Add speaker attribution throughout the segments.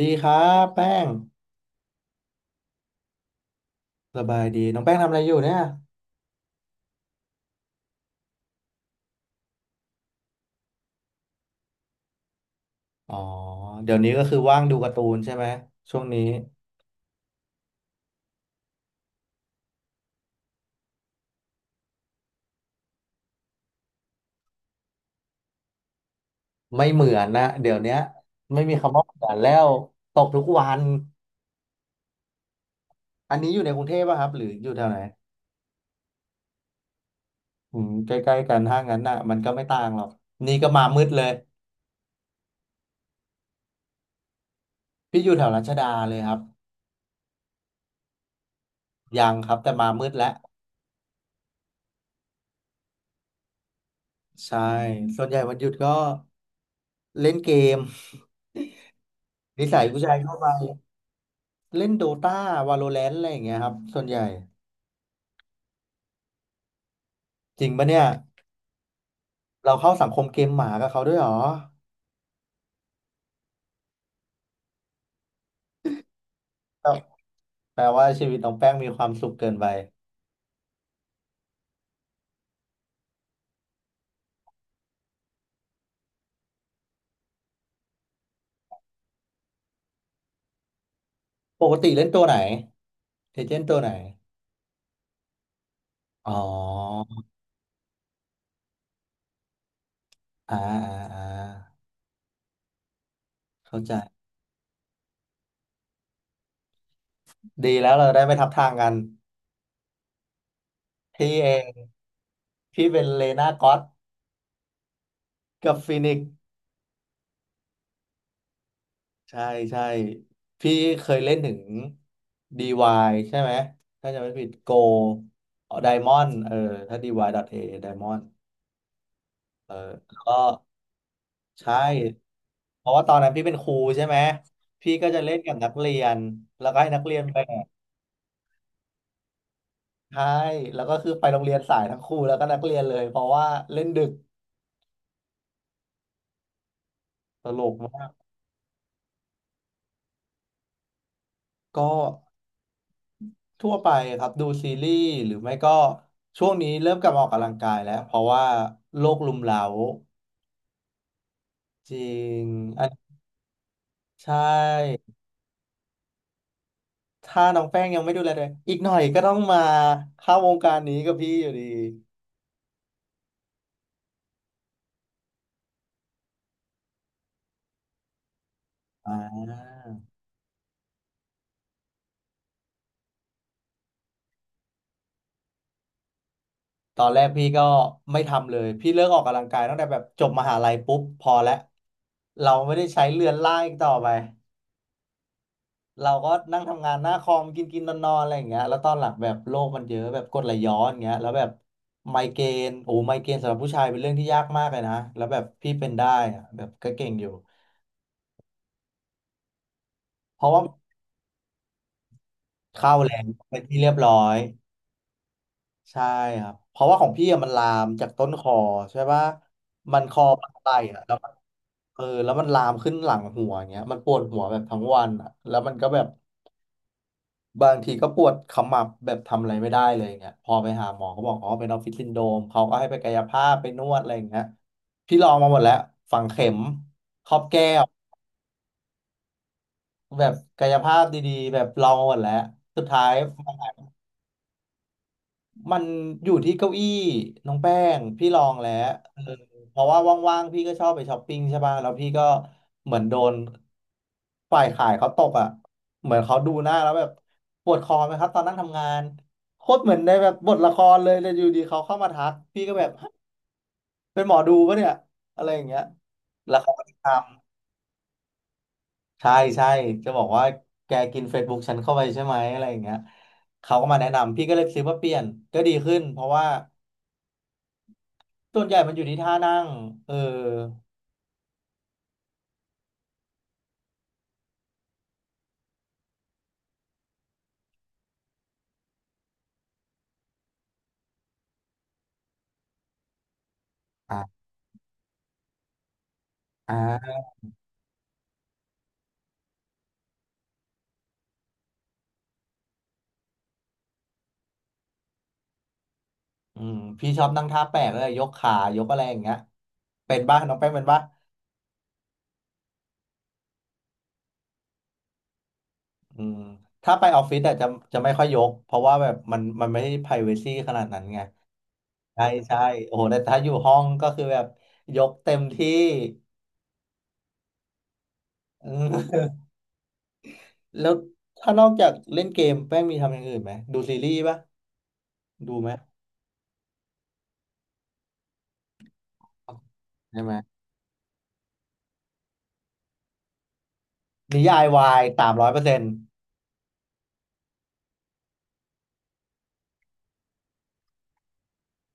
Speaker 1: ดีครับแป้งสบายดีน้องแป้งทำอะไรอยู่เนี่ยอ๋อเดี๋ยวนี้ก็คือว่างดูการ์ตูนใช่ไหมช่วงนี้ไม่เหมือนนะเดี๋ยวเนี้ยไม่มีคำว่าเหมือนแล้วตกทุกวันอันนี้อยู่ในกรุงเทพป่ะครับหรืออยู่แถวไหนอืมใกล้ๆกันถ้างั้นน่ะมันก็ไม่ต่างหรอกนี่ก็มามืดเลยพี่อยู่แถวรัชดาเลยครับยังครับแต่มามืดแล้วใช่ส่วนใหญ่วันหยุดก็เล่นเกม นิสัยผู้ชายเข้าไปเล่นโดตาวาโลแรนต์อะไรอย่างเงี้ยครับส่วนใหญ่จริงปะเนี่ย เราเข้าสังคมเกมหมากับเขาด้วยเหรอก็แปลว่าชีวิตน้องแป้งมีความสุขเกินไป ปกติเล่นตัวไหนเอเจนต์ตัวไหน อ๋ออ่าอ่าอ่าเข้าใจ ดีแล้วเราได้ไม่ทับทางกัน พี่เอง พี่เป็นเลน่าก็อตกับฟินิกซ์ใช่ใช่ พี่เคยเล่นถึง DY ใช่ไหม ถ้าจะไม่ผิดโกไดมอนเออถ้า dy.a ไดมอนเออแล้วก็ ใช่เพราะว่าตอนนั้นพี่เป็นครูใช่ไหมพี่ก็จะเล่นกับนักเรียนแล้วก็ให้นักเรียนแบกใช่แล้วก็คือไปโรงเรียนสายทั้งครูแล้วก็นักเรียนเลยเพราะว่าเล่นดึกตลกมากก็ทั่วไปครับดูซีรีส์หรือไม่ก็ช่วงนี้เริ่มกลับมาออกกำลังกายแล้วเพราะว่าโรครุมเร้าจริงอันใช่ถ้าน้องแป้งยังไม่ดูแลเลยอีกหน่อยก็ต้องมาเข้าวงการนี้กับพี่อยู่ดี ตอนแรกพี่ก็ไม่ทำเลยพี่เลิกออกกำลังกายตั้งแต่แบบจบมหาลัยปุ๊บพอแล้วเราไม่ได้ใช้เรือนร่างอีกต่อไปเราก็นั่งทำงานหน้าคอมกินกินนอนนอนอะไรอย่างเงี้ยแล้วตอนหลังแบบโรคมันเยอะแบบกรดไหลย้อนอย่างเงี้ยแล้วแบบไมเกรนโอ้ไมเกรนสำหรับผู้ชายเป็นเรื่องที่ยากมากเลยนะแล้วแบบพี่เป็นได้อะแบบก็เก่งอยู่เพราะว่าเข้าแรงเป็นที่เรียบร้อยใช่ครับเพราะว่าของพี่อะมันลามจากต้นคอใช่ปะมันคอปลาอะแล้ว เออแล้วมันลามขึ้นหลังหัวอย่างเงี้ยมันปวดหัวแบบทั้งวันอ่ะแล้วมันก็แบบบางทีก็ปวดขมับแบบทำอะไรไม่ได้เลยอย่างเงี้ยพอไปหาหมอก็บอกอ๋อเป็นออฟฟิศซินโดรมเขาก็ให้ไปกายภาพไปนวดอะไรอย่างเงี้ยพี่ลองมาหมดแล้วฝังเข็มครอบแก้วแบบกายภาพดีๆแบบลองมาหมดแล้วสุดท้าย มันอยู่ที่เก้าอี้น้องแป้งพี่ลองแล้วเออเพราะว่าว่างๆพี่ก็ชอบไปช้อปปิ้งใช่ป่ะแล้วพี่ก็เหมือนโดนฝ่ายขายเขาตกอ่ะเหมือนเขาดูหน้าแล้วแบบปวดคอไหมครับตอนนั่งทำงานโคตรเหมือนในแบบบทละครเลยแต่อยู่ดีเขาเข้ามาทักพี่ก็แบบฮะเป็นหมอดูปะเนี่ยอะไรอย่างเงี้ยแล้วเขาก็ทำใช่ใช่จะบอกว่าแกกิน Facebook ฉันเข้าไปใช่ไหมอะไรอย่างเงี้ยเขาก็มาแนะนำพี่ก็เลยซื้อมาเปลี่ยนก็ดีขึ้นเพราะว่า ส่วนใหญ่มันอยู่ที่ท่านั่งเอออ่าอ่าอืมพี่ชอบนั่งท่าแปลกเลยยกขายกอะไรอย่างเงี้ยเป็นบ้างน้องแป้งเป็นบ้างอืมถ้าไปออฟฟิศแต่จะไม่ค่อยยกเพราะว่าแบบมันไม่ได้ privacy ขนาดนั้นไงใช่ใช่โอ้โหแต่ถ้าอยู่ห้องก็คือแบบยกเต็มที่อืม แล้วถ้านอกจากเล่นเกมแป้งมีทำอย่างอื่นไหมดูซีรีส์ปะดูไหมใช่ไหมนิยายวาย300%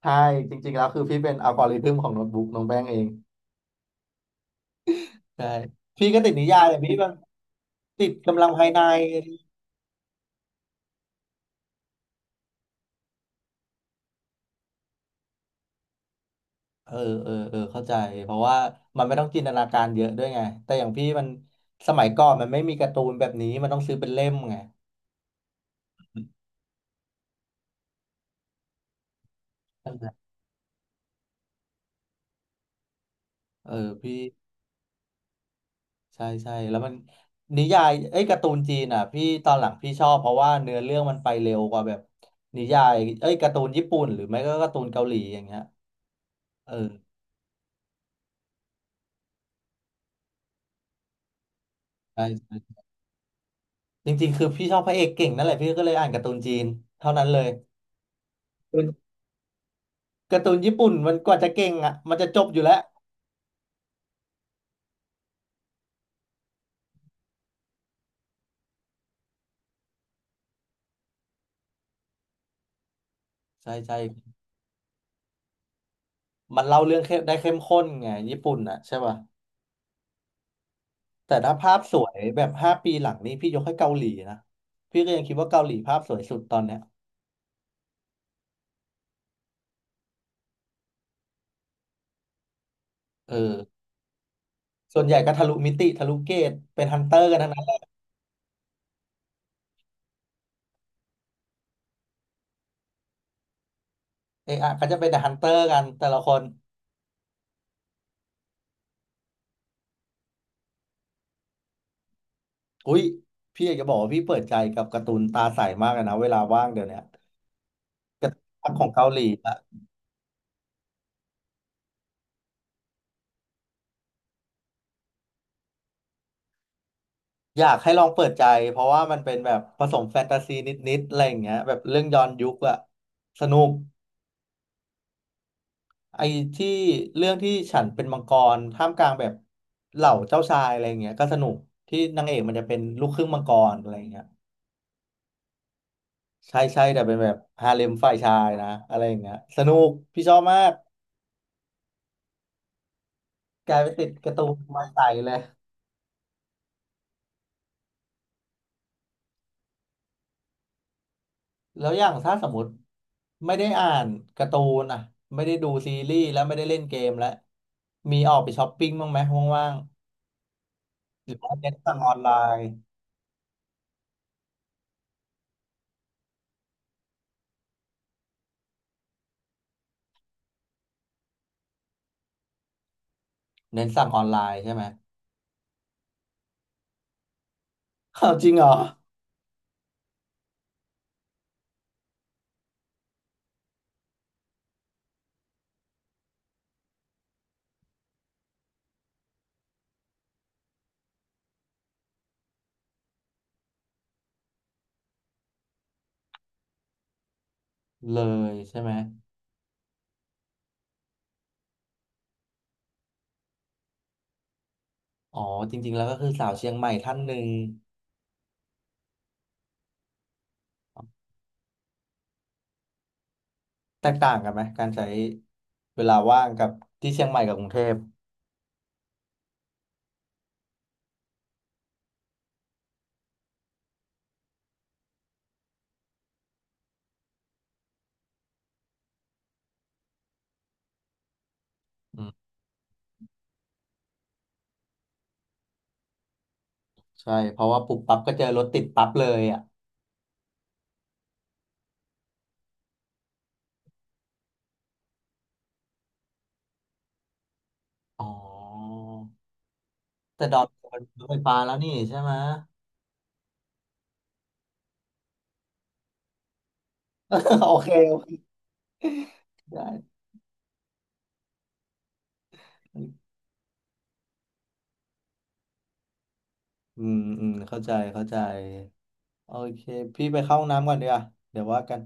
Speaker 1: ใช่จริงๆแล้วคือพี่เป็นอัลกอริทึมของโน้ตบุ๊กน้องแป้งเองใช่พี่ก็ติดนิยายแต่พี่มันติดกำลังภายในเออเออเออเข้าใจเพราะว่ามันไม่ต้องจินตนาการเยอะด้วยไงแต่อย่างพี่มันสมัยก่อนมันไม่มีการ์ตูนแบบนี้มันต้องซื้อเป็นเล่มไงนั่นแหละเออพี่ใช่ใช่แล้วมันนิยายเอ้ยการ์ตูนจีนอ่ะพี่ตอนหลังพี่ชอบเพราะว่าเนื้อเรื่องมันไปเร็วกว่าแบบนิยายเอ้ยการ์ตูนญี่ปุ่นหรือไม่ก็การ์ตูนเกาหลีอย่างเงี้ยเออใช่ จริงๆคือพี่ชอบพระเอกเก่งนั่นแหละพี่ก็เลยอ่านการ์ตูนจีนเท่านั้นเลยการ์ตูนญี่ปุ่นมันกว่าจะเก่งอ่ะมันจะจบอยู่แล้วใช่ใช่มันเล่าเรื่องเข้มข้นไงญี่ปุ่นอ่ะใช่ป่ะแต่ถ้าภาพสวยแบบห้าปีหลังนี้พี่ยกให้เกาหลีนะพี่ก็ยังคิดว่าเกาหลีภาพสวยสุดตอนเนี้ยเออส่วนใหญ่ก็ทะลุมิติทะลุเกตเป็นฮันเตอร์กันทั้งนั้นเอะอะก็จะเป็นแต่ฮันเตอร์กันแต่ละคนอุ้ยพี่อยากจะบอกว่าพี่เปิดใจกับการ์ตูนตาใสมากเลยนะเวลาว่างเดี๋ยวเนี้ยภาคของเกาหลีอะ อยากให้ลองเปิดใจเพราะว่ามันเป็นแบบผสมแฟนตาซีนิดๆอะไรอย่างเงี้ยแบบเรื่องย้อนยุคอะสนุกไอ้ที่เรื่องที่ฉันเป็นมังกรท่ามกลางแบบเหล่าเจ้าชายอะไรอย่างเงี้ยก็สนุกที่นางเอกมันจะเป็นลูกครึ่งมังกรอะไรอย่างเงี้ยใช่ใช่แต่เป็นแบบฮาเร็มฝ่ายชายนะอะไรอย่างเงี้ยสนุกพี่ชอบมากกลายเป็นติดการ์ตูนมาใส่เลย แล้วอย่างถ้าสมมติไม่ได้อ่านการ์ตูนอ่ะไม่ได้ดูซีรีส์แล้วไม่ได้เล่นเกมแล้วมีออกไปช้อปปิ้งบ้างไหมว่างๆหรือว่าเน้นสั่งออนไลน์เน้นสั่งออนไลน์ใช่ไหมอ้าวจริงเหรอเลยใช่ไหมอ๋อจริงๆแล้วก็คือสาวเชียงใหม่ท่านหนึ่งแตกต่างกันไหมการใช้เวลาว่างกับที่เชียงใหม่กับกรุงเทพอืมใช่เพราะว่าปุ๊บปั๊บก็เจอรถติดปั๊บเลยอ่ะอ๋อแต่ดอนเป็นรถไฟฟ้าแล้วนี่ใช่ไหม โอเคโอเคได้ อืมอืมเข้าใจเข้าใจโอเคพี่ไปเข้าห้องน้ำก่อนดีกว่าเดี๋ยวว่ากัน